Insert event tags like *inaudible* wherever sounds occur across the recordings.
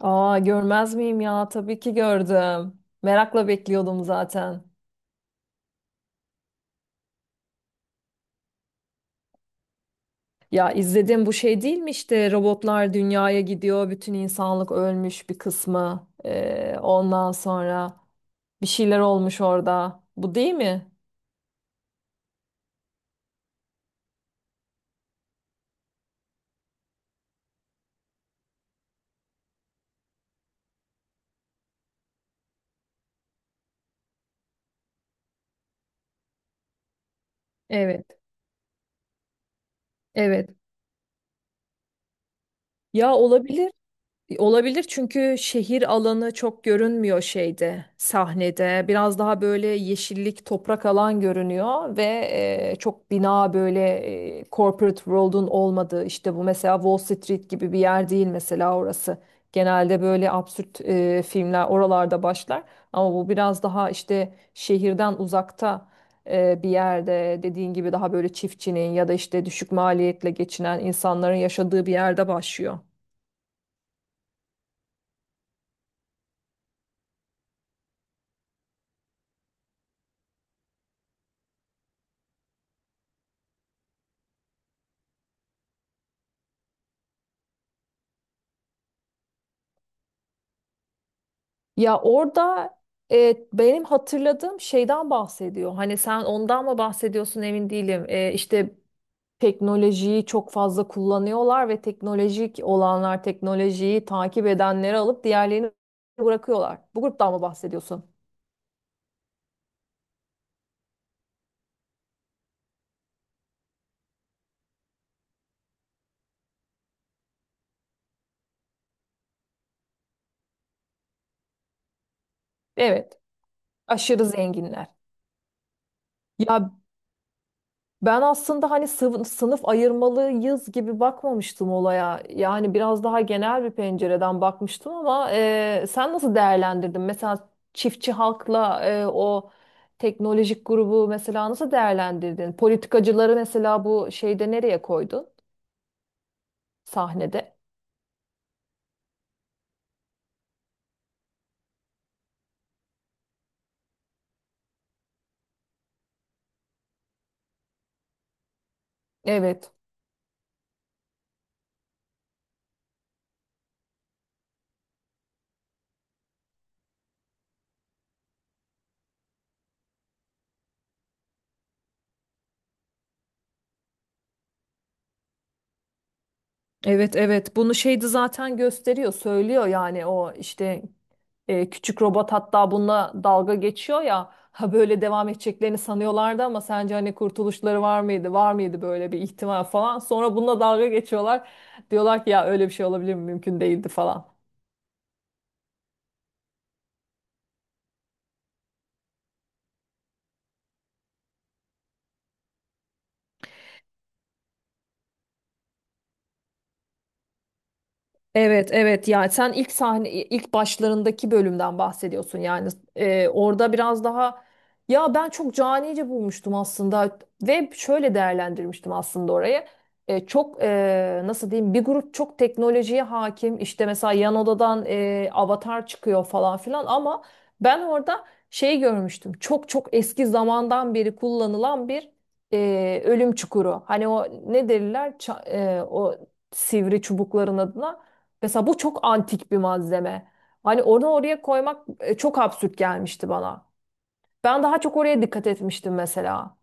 Aa görmez miyim ya? Tabii ki gördüm. Merakla bekliyordum zaten. Ya izledim bu şey değil mi işte robotlar dünyaya gidiyor, bütün insanlık ölmüş bir kısmı. Ondan sonra bir şeyler olmuş orada. Bu değil mi? Evet, evet. Ya olabilir. Olabilir çünkü şehir alanı çok görünmüyor şeyde, sahnede. Biraz daha böyle yeşillik, toprak alan görünüyor ve çok bina böyle corporate world'un olmadığı işte bu mesela Wall Street gibi bir yer değil mesela orası. Genelde böyle absürt filmler oralarda başlar ama bu biraz daha işte şehirden uzakta bir yerde dediğin gibi daha böyle çiftçinin ya da işte düşük maliyetle geçinen insanların yaşadığı bir yerde başlıyor. Ya orada benim hatırladığım şeyden bahsediyor. Hani sen ondan mı bahsediyorsun emin değilim. E, işte teknolojiyi çok fazla kullanıyorlar ve teknolojik olanlar teknolojiyi takip edenleri alıp diğerlerini bırakıyorlar. Bu gruptan mı bahsediyorsun? Evet, aşırı zenginler. Ya ben aslında hani sınıf sınıf ayırmalıyız gibi bakmamıştım olaya. Yani biraz daha genel bir pencereden bakmıştım ama sen nasıl değerlendirdin? Mesela çiftçi halkla o teknolojik grubu mesela nasıl değerlendirdin? Politikacıları mesela bu şeyde nereye koydun sahnede? Evet. Evet, evet, bunu şeydi zaten gösteriyor söylüyor yani o işte küçük robot hatta bununla dalga geçiyor ya ha böyle devam edeceklerini sanıyorlardı ama sence hani kurtuluşları var mıydı böyle bir ihtimal falan sonra bununla dalga geçiyorlar diyorlar ki ya öyle bir şey olabilir mi mümkün değildi falan. Evet, evet, yani sen ilk sahne ilk başlarındaki bölümden bahsediyorsun yani. Orada biraz daha ya ben çok canice bulmuştum aslında ve şöyle değerlendirmiştim aslında orayı. Çok nasıl diyeyim bir grup çok teknolojiye hakim işte mesela yan odadan avatar çıkıyor falan filan ama ben orada şey görmüştüm çok çok eski zamandan beri kullanılan bir ölüm çukuru hani o ne derler o sivri çubukların adına. Mesela bu çok antik bir malzeme. Hani onu oraya koymak çok absürt gelmişti bana. Ben daha çok oraya dikkat etmiştim mesela.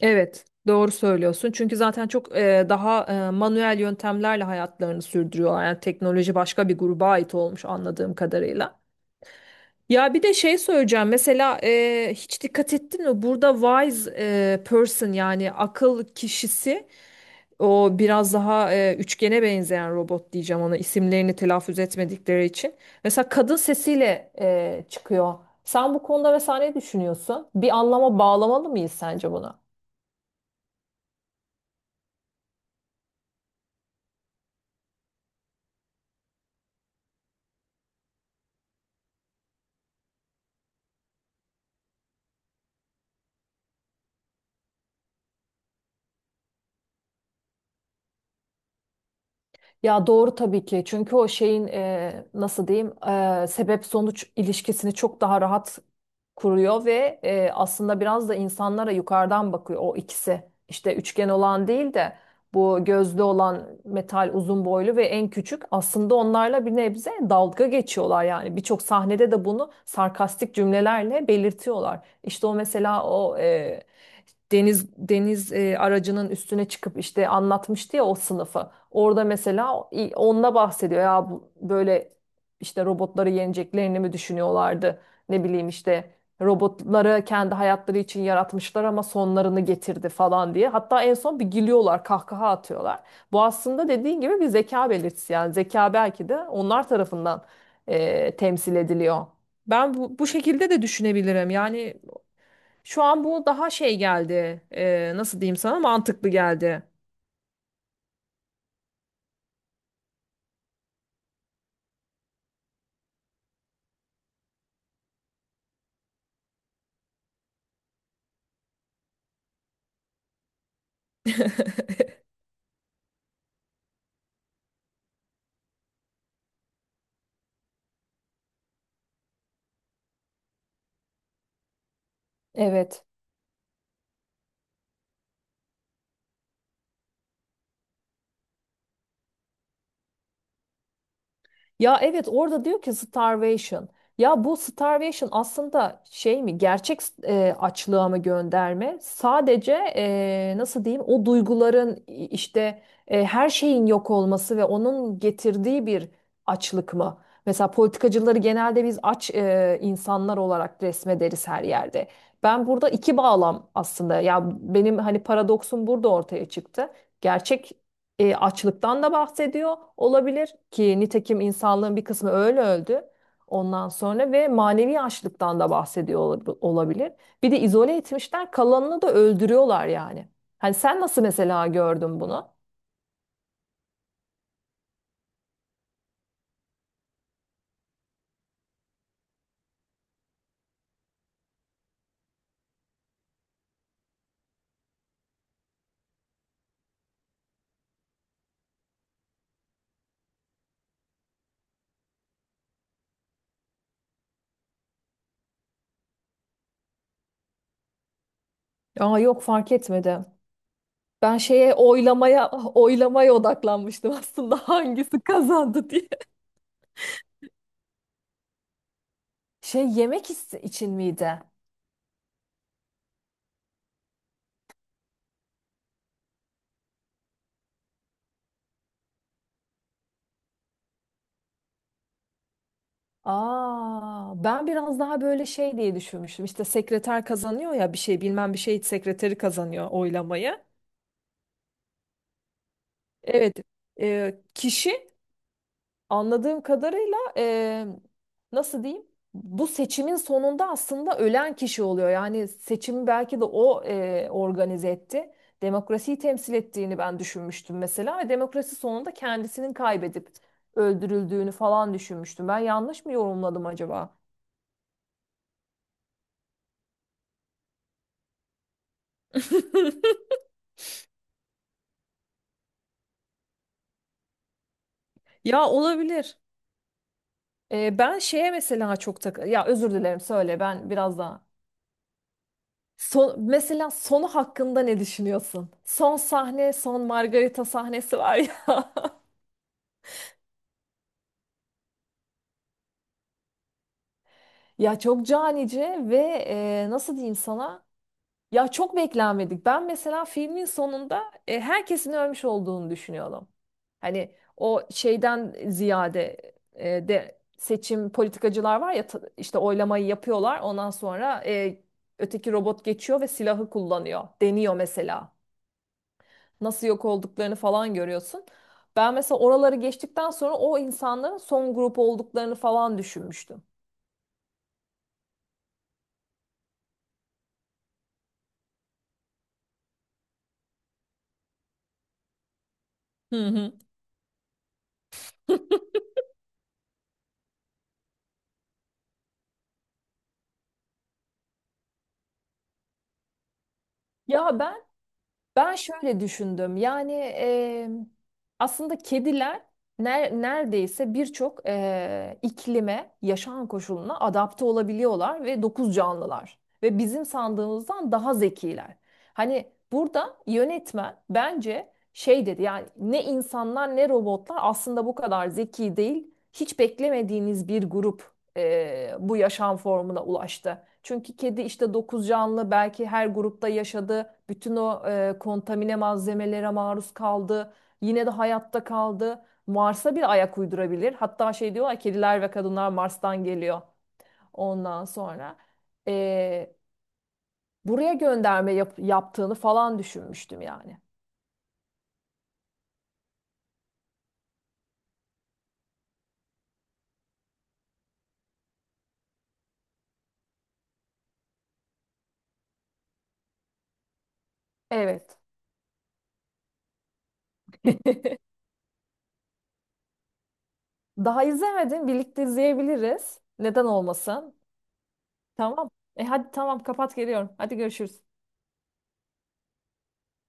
Evet, doğru söylüyorsun. Çünkü zaten çok daha manuel yöntemlerle hayatlarını sürdürüyorlar. Yani teknoloji başka bir gruba ait olmuş anladığım kadarıyla. Ya bir de şey söyleyeceğim. Mesela hiç dikkat ettin mi? Burada wise person yani akıl kişisi, o biraz daha üçgene benzeyen robot diyeceğim ona isimlerini telaffuz etmedikleri için. Mesela kadın sesiyle çıkıyor. Sen bu konuda mesela ne düşünüyorsun? Bir anlama bağlamalı mıyız sence bunu? Ya doğru tabii ki. Çünkü o şeyin nasıl diyeyim sebep sonuç ilişkisini çok daha rahat kuruyor ve aslında biraz da insanlara yukarıdan bakıyor o ikisi. İşte üçgen olan değil de bu gözlü olan metal uzun boylu ve en küçük aslında onlarla bir nebze dalga geçiyorlar yani. Birçok sahnede de bunu sarkastik cümlelerle belirtiyorlar. İşte o mesela o deniz aracının üstüne çıkıp işte anlatmıştı ya o sınıfı. Orada mesela onunla bahsediyor ya böyle işte robotları yeneceklerini mi düşünüyorlardı? Ne bileyim işte robotları kendi hayatları için yaratmışlar ama sonlarını getirdi falan diye. Hatta en son bir gülüyorlar, kahkaha atıyorlar. Bu aslında dediğin gibi bir zeka belirtisi yani zeka belki de onlar tarafından temsil ediliyor. Ben bu şekilde de düşünebilirim. Yani şu an bu daha şey geldi. Nasıl diyeyim sana, mantıklı geldi. Evet. Ya evet orada diyor ki starvation. Ya bu starvation aslında şey mi, gerçek açlığa mı gönderme? Sadece nasıl diyeyim o duyguların işte her şeyin yok olması ve onun getirdiği bir açlık mı? Mesela politikacıları genelde biz aç insanlar olarak resmederiz her yerde. Ben burada iki bağlam aslında, ya benim hani paradoksun burada ortaya çıktı. Gerçek açlıktan da bahsediyor olabilir ki nitekim insanlığın bir kısmı öyle öldü. Ondan sonra ve manevi açlıktan da bahsediyor olabilir. Bir de izole etmişler, kalanını da öldürüyorlar yani. Hani sen nasıl mesela gördün bunu? Aa, yok, fark etmedim. Ben şeye, oylamaya odaklanmıştım aslında. *laughs* Hangisi kazandı diye. Şey, yemek için miydi? Aa, ben biraz daha böyle şey diye düşünmüştüm. İşte sekreter kazanıyor ya, bir şey bilmem bir şey sekreteri kazanıyor oylamayı. Evet, kişi anladığım kadarıyla nasıl diyeyim? Bu seçimin sonunda aslında ölen kişi oluyor. Yani seçimi belki de o organize etti. Demokrasiyi temsil ettiğini ben düşünmüştüm mesela ve demokrasi sonunda kendisinin kaybedip öldürüldüğünü falan düşünmüştüm. Ben yanlış mı yorumladım acaba? *laughs* Ya olabilir. Ben şeye mesela çok ya, özür dilerim, söyle, ben biraz daha. Son, mesela sonu hakkında ne düşünüyorsun? Son sahne, son Margarita sahnesi var ya. *laughs* Ya çok canice ve nasıl diyeyim sana? Ya çok beklenmedik. Ben mesela filmin sonunda herkesin ölmüş olduğunu düşünüyorum. Hani o şeyden ziyade de seçim politikacılar var ya işte oylamayı yapıyorlar. Ondan sonra öteki robot geçiyor ve silahı kullanıyor. Deniyor mesela. Nasıl yok olduklarını falan görüyorsun. Ben mesela oraları geçtikten sonra o insanların son grup olduklarını falan düşünmüştüm. Hı hı. Ya ben Ben şöyle düşündüm. Yani aslında kediler neredeyse birçok iklime, yaşam koşuluna adapte olabiliyorlar ve dokuz canlılar ve bizim sandığımızdan daha zekiler. Hani burada yönetmen bence şey dedi. Yani ne insanlar ne robotlar aslında bu kadar zeki değil. Hiç beklemediğiniz bir grup bu yaşam formuna ulaştı. Çünkü kedi işte dokuz canlı belki her grupta yaşadı. Bütün o kontamine malzemelere maruz kaldı. Yine de hayatta kaldı. Mars'a bir ayak uydurabilir. Hatta şey diyorlar, kediler ve kadınlar Mars'tan geliyor. Ondan sonra. e, buraya gönderme yaptığını falan düşünmüştüm yani. Evet. *laughs* Daha izlemedim. Birlikte izleyebiliriz. Neden olmasın? Tamam. Hadi tamam, kapat geliyorum. Hadi görüşürüz.